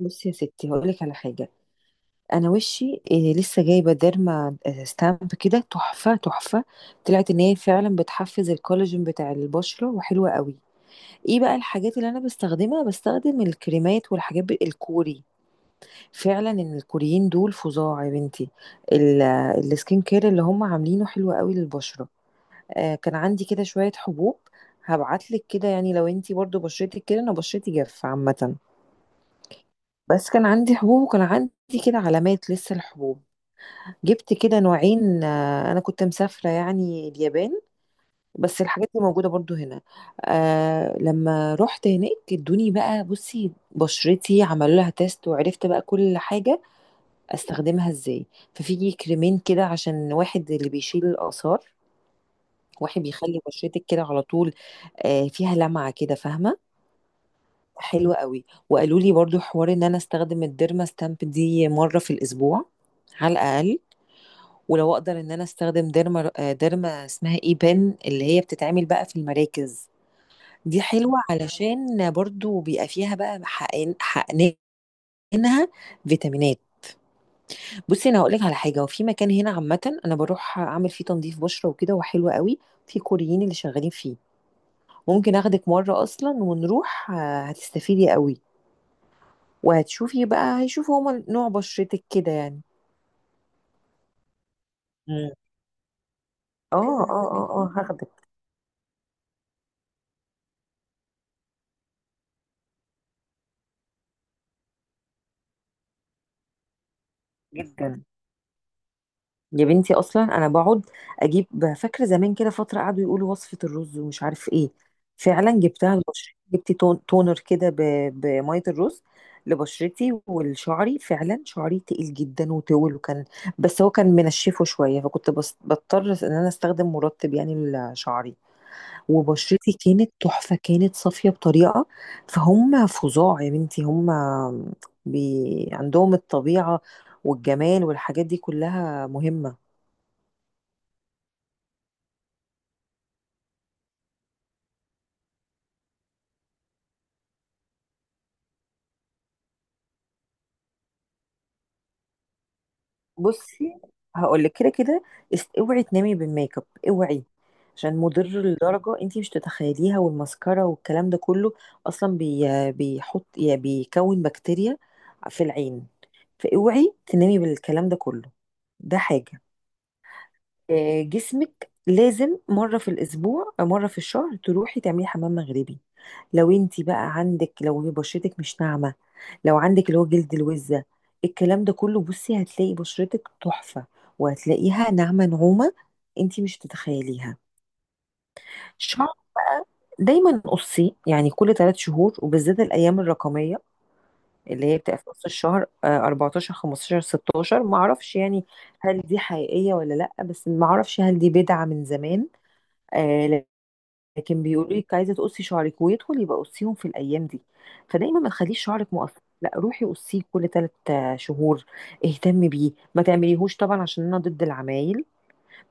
بصي يا ستي، هقول لك على حاجه. انا وشي إيه لسه جايبه ديرما ستامب كده تحفه. طلعت ان هي فعلا بتحفز الكولاجين بتاع البشره وحلوه قوي. ايه بقى الحاجات اللي انا بستخدمها؟ بستخدم الكريمات والحاجات الكوري، فعلا ان الكوريين دول فظاع يا بنتي. ال- السكين كير اللي هم عاملينه حلو قوي للبشره. آه، كان عندي كده شويه حبوب. هبعتلك كده، يعني لو انتي برضو بشرتك كده، انا بشرتي جاف عامه. بس كان عندي حبوب، وكان عندي كده علامات لسه الحبوب. جبت كده نوعين، انا كنت مسافره يعني اليابان، بس الحاجات دي موجوده برضو هنا. آه لما رحت هناك ادوني بقى، بصي بشرتي عملوا لها تيست وعرفت بقى كل حاجه استخدمها ازاي. ففي كريمين كده، عشان واحد اللي بيشيل الاثار، واحد بيخلي بشرتك كده على طول. فيها لمعة كده، فاهمة؟ حلوة قوي. وقالوا لي برضو حوار ان انا استخدم الديرما ستامب دي مرة في الاسبوع على الاقل، ولو اقدر ان انا استخدم ديرما، ديرما اسمها اي بن، اللي هي بتتعمل بقى في المراكز. دي حلوة علشان برضو بيبقى فيها بقى حقنينها فيتامينات. بصي، انا هقول لك على حاجه. وفي مكان هنا عامه انا بروح اعمل فيه تنظيف بشره وكده، وحلو قوي، في كوريين اللي شغالين فيه. ممكن اخدك مره اصلا ونروح، هتستفيدي قوي. وهتشوفي بقى، هيشوفوا هما نوع بشرتك كده يعني. مم. اه اه اه اه، هاخدك. جدا يا بنتي، اصلا انا بقعد اجيب. فاكره زمان كده فتره قعدوا يقولوا وصفه الرز ومش عارف ايه، فعلا جبتها لبشرتي. جبت تون تونر كده بميه الرز، لبشرتي ولشعري. فعلا شعري تقيل جدا وطول، وكان بس هو كان منشفه شويه، فكنت بس بضطر ان انا استخدم مرطب يعني لشعري. وبشرتي كانت تحفة، كانت صافية بطريقة. فهم فظاع يا بنتي هم، بي عندهم الطبيعة والجمال والحاجات دي كلها مهمة. بصي، هقول لك كده. اوعي تنامي بالميك اب، اوعي، عشان مضر لدرجة انتي مش تتخيليها، والماسكارا والكلام ده كله. اصلا بيحط يعني بيكون بكتيريا في العين. فاوعي تنامي بالكلام ده كله، ده حاجة. جسمك لازم مرة في الأسبوع أو مرة في الشهر تروحي تعملي حمام مغربي، لو انتي بقى عندك، لو هي بشرتك مش ناعمة، لو عندك اللي هو جلد الوزة، الكلام ده كله، بصي هتلاقي بشرتك تحفة، وهتلاقيها ناعمة نعومة انتي مش تتخيليها. شعر بقى، دايما قصي يعني كل ثلاث شهور، وبالذات الأيام الرقمية اللي هي بتبقى في نص الشهر، آه، 14 15 16، ما اعرفش يعني هل دي حقيقية ولا لا، بس ما اعرفش هل دي بدعة من زمان، آه. لكن بيقولوا لك عايزه تقصي شعرك ويدخل، يبقى قصيهم في الايام دي. فدايما ما تخليش شعرك مقصر، لا روحي قصيه كل ثلاث شهور. اهتمي بيه، ما تعمليهوش طبعا، عشان انا ضد العمايل.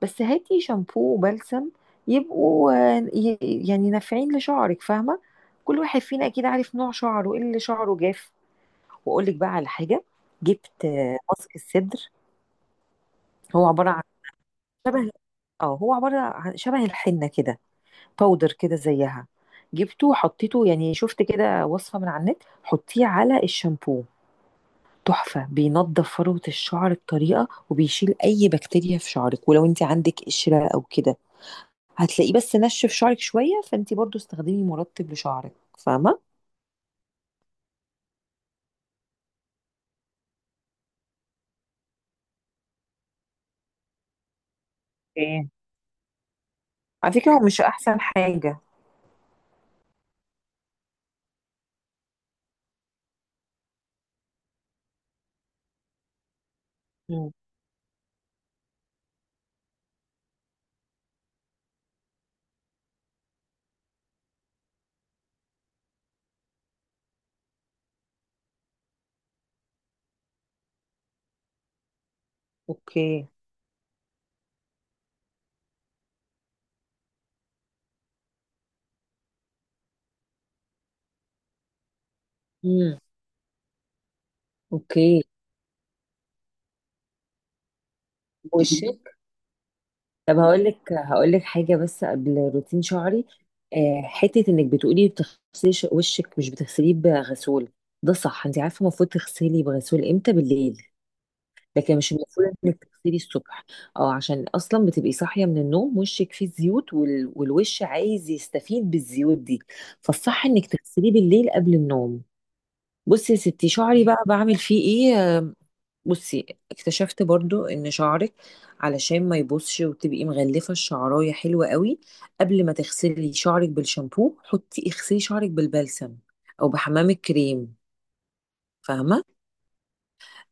بس هاتي شامبو وبلسم يبقوا يعني نافعين لشعرك، فاهمه؟ كل واحد فينا اكيد عارف نوع شعره ايه، اللي شعره جاف. واقول لك بقى على حاجه، جبت ماسك الصدر. هو عباره شبه عن شبه الحنه كده، باودر كده زيها. جبته حطيته، يعني شفت كده وصفة من على النت، حطيه على الشامبو، تحفة. بينضف فروة الشعر بطريقة، وبيشيل أي بكتيريا في شعرك، ولو أنت عندك قشرة أو كده هتلاقيه. بس نشف شعرك شوية، فأنت برضو استخدمي مرطب لشعرك، فاهمة؟ اوكي. على فكرة هو مش أحسن حاجة. مم. اوكي. مم. اوكي. والشامبو. طب هقول لك حاجه بس قبل روتين شعري. حته انك بتقولي بتغسلي وشك مش بتغسليه بغسول، ده صح. انت عارفه المفروض تغسلي بغسول امتى؟ بالليل. لكن مش المفروض انك تغسلي الصبح، او عشان اصلا بتبقي صاحيه من النوم وشك فيه زيوت، والوش عايز يستفيد بالزيوت دي. فالصح انك تغسليه بالليل قبل النوم. بصي يا ستي، شعري بقى بعمل فيه ايه. بصي، اكتشفت برضو ان شعرك علشان ما يبوظش وتبقي مغلفه الشعرايه حلوه قوي، قبل ما تغسلي شعرك بالشامبو حطي اغسلي شعرك بالبلسم او بحمام الكريم، فاهمه؟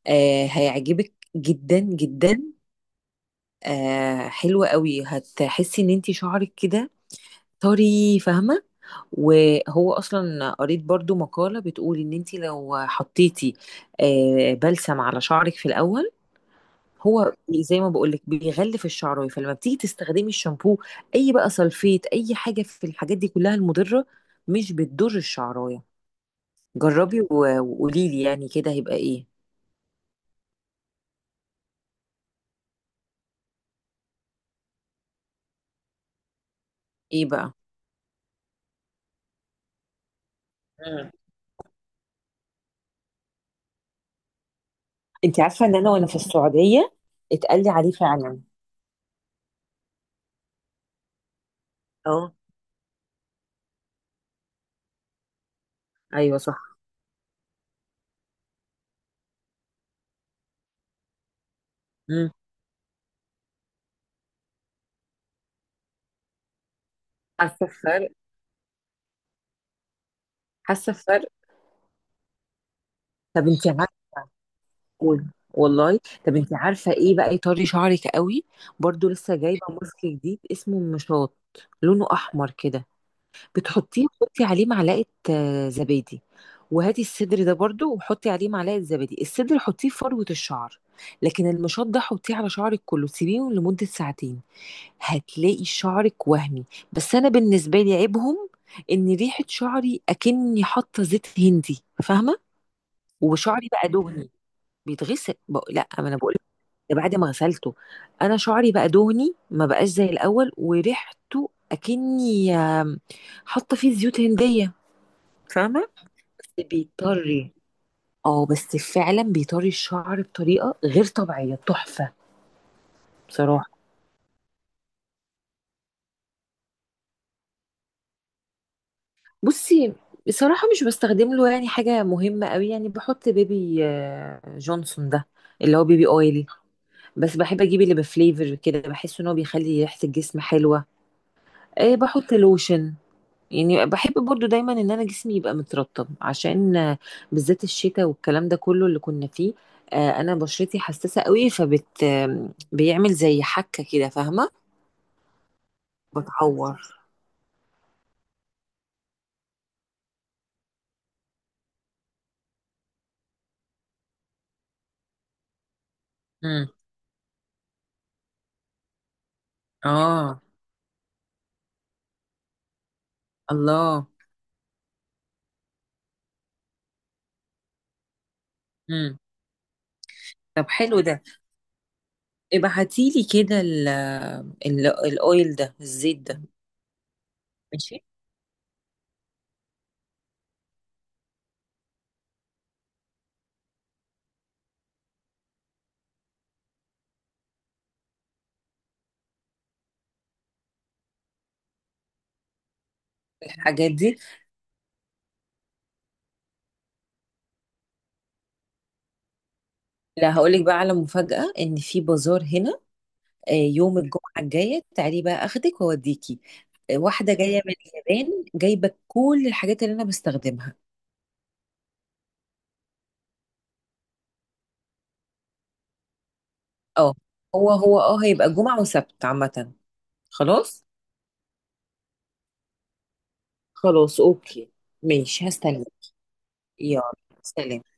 آه هيعجبك جدا جدا. آه حلوه قوي، هتحسي ان انتي شعرك كده طري، فاهمه؟ وهو اصلا قريت برضو مقاله بتقول ان انتي لو حطيتي آه بلسم على شعرك في الاول، هو زي ما بقولك بيغلف الشعرايه، فلما بتيجي تستخدمي الشامبو، اي بقى سلفيت اي حاجه في الحاجات دي كلها المضره، مش بتضر الشعرايه. جربي وقولي لي يعني كده هيبقى ايه. ايه بقى. مم. انت عارفه ان انا وانا في السعوديه اتقال لي عليه فعلا. اه ايوه صح. مم. حاسه بفرق. حاسه بفرق. طب انت عارفه؟ قول. والله. طب انت عارفه ايه بقى يطري شعرك قوي؟ برضو لسه جايبه ماسك جديد اسمه مشاط، لونه احمر كده. بتحطيه وتحطي عليه معلقه زبادي، وهاتي الصدر ده برضو وحطي عليه معلقه زبادي، الصدر حطيه في فروه الشعر، لكن المشط ده حطيه على شعرك كله، سيبيه لمده ساعتين، هتلاقي شعرك وهمي. بس انا بالنسبه لي عيبهم ان ريحه شعري اكني حاطه زيت هندي، فاهمه؟ وشعري بقى دهني بيتغسل لا ما انا بقول ده بعد ما غسلته. انا شعري بقى دهني ما بقاش زي الاول، وريحته اكني حاطه فيه زيوت هنديه، فاهمه؟ بس بيطري، اه بس فعلا بيطري الشعر بطريقه غير طبيعيه، تحفه. بصراحه. بصي، بصراحه مش بستخدم له يعني حاجه مهمه قوي. يعني بحط بيبي، جونسون ده اللي هو بيبي اويلي، بس بحب اجيب اللي بفليفر كده، بحس ان هو بيخلي ريحه الجسم حلوه. إيه، بحط لوشن، يعني بحب برضو دايما ان انا جسمي يبقى مترطب، عشان بالذات الشتاء والكلام ده كله اللي كنا فيه. انا بشرتي حساسة قوي، فبت آم، بيعمل زي حكة كده، فاهمة؟ بتعور. امم. اه. الله. امم. طب حلو ده، ابعتيلي كده ال الاويل ده، الزيت ده. ماشي. الحاجات دي، لا هقولك بقى على مفاجأة، ان في بازار هنا، يوم الجمعة الجاية تعالي بقى اخدك واوديكي، واحدة جاية من اليابان جايبة كل الحاجات اللي انا بستخدمها. اه. هو هيبقى جمعة وسبت عامة. خلاص خلاص، اوكي. ماشي، هستنى. يلا. سلام.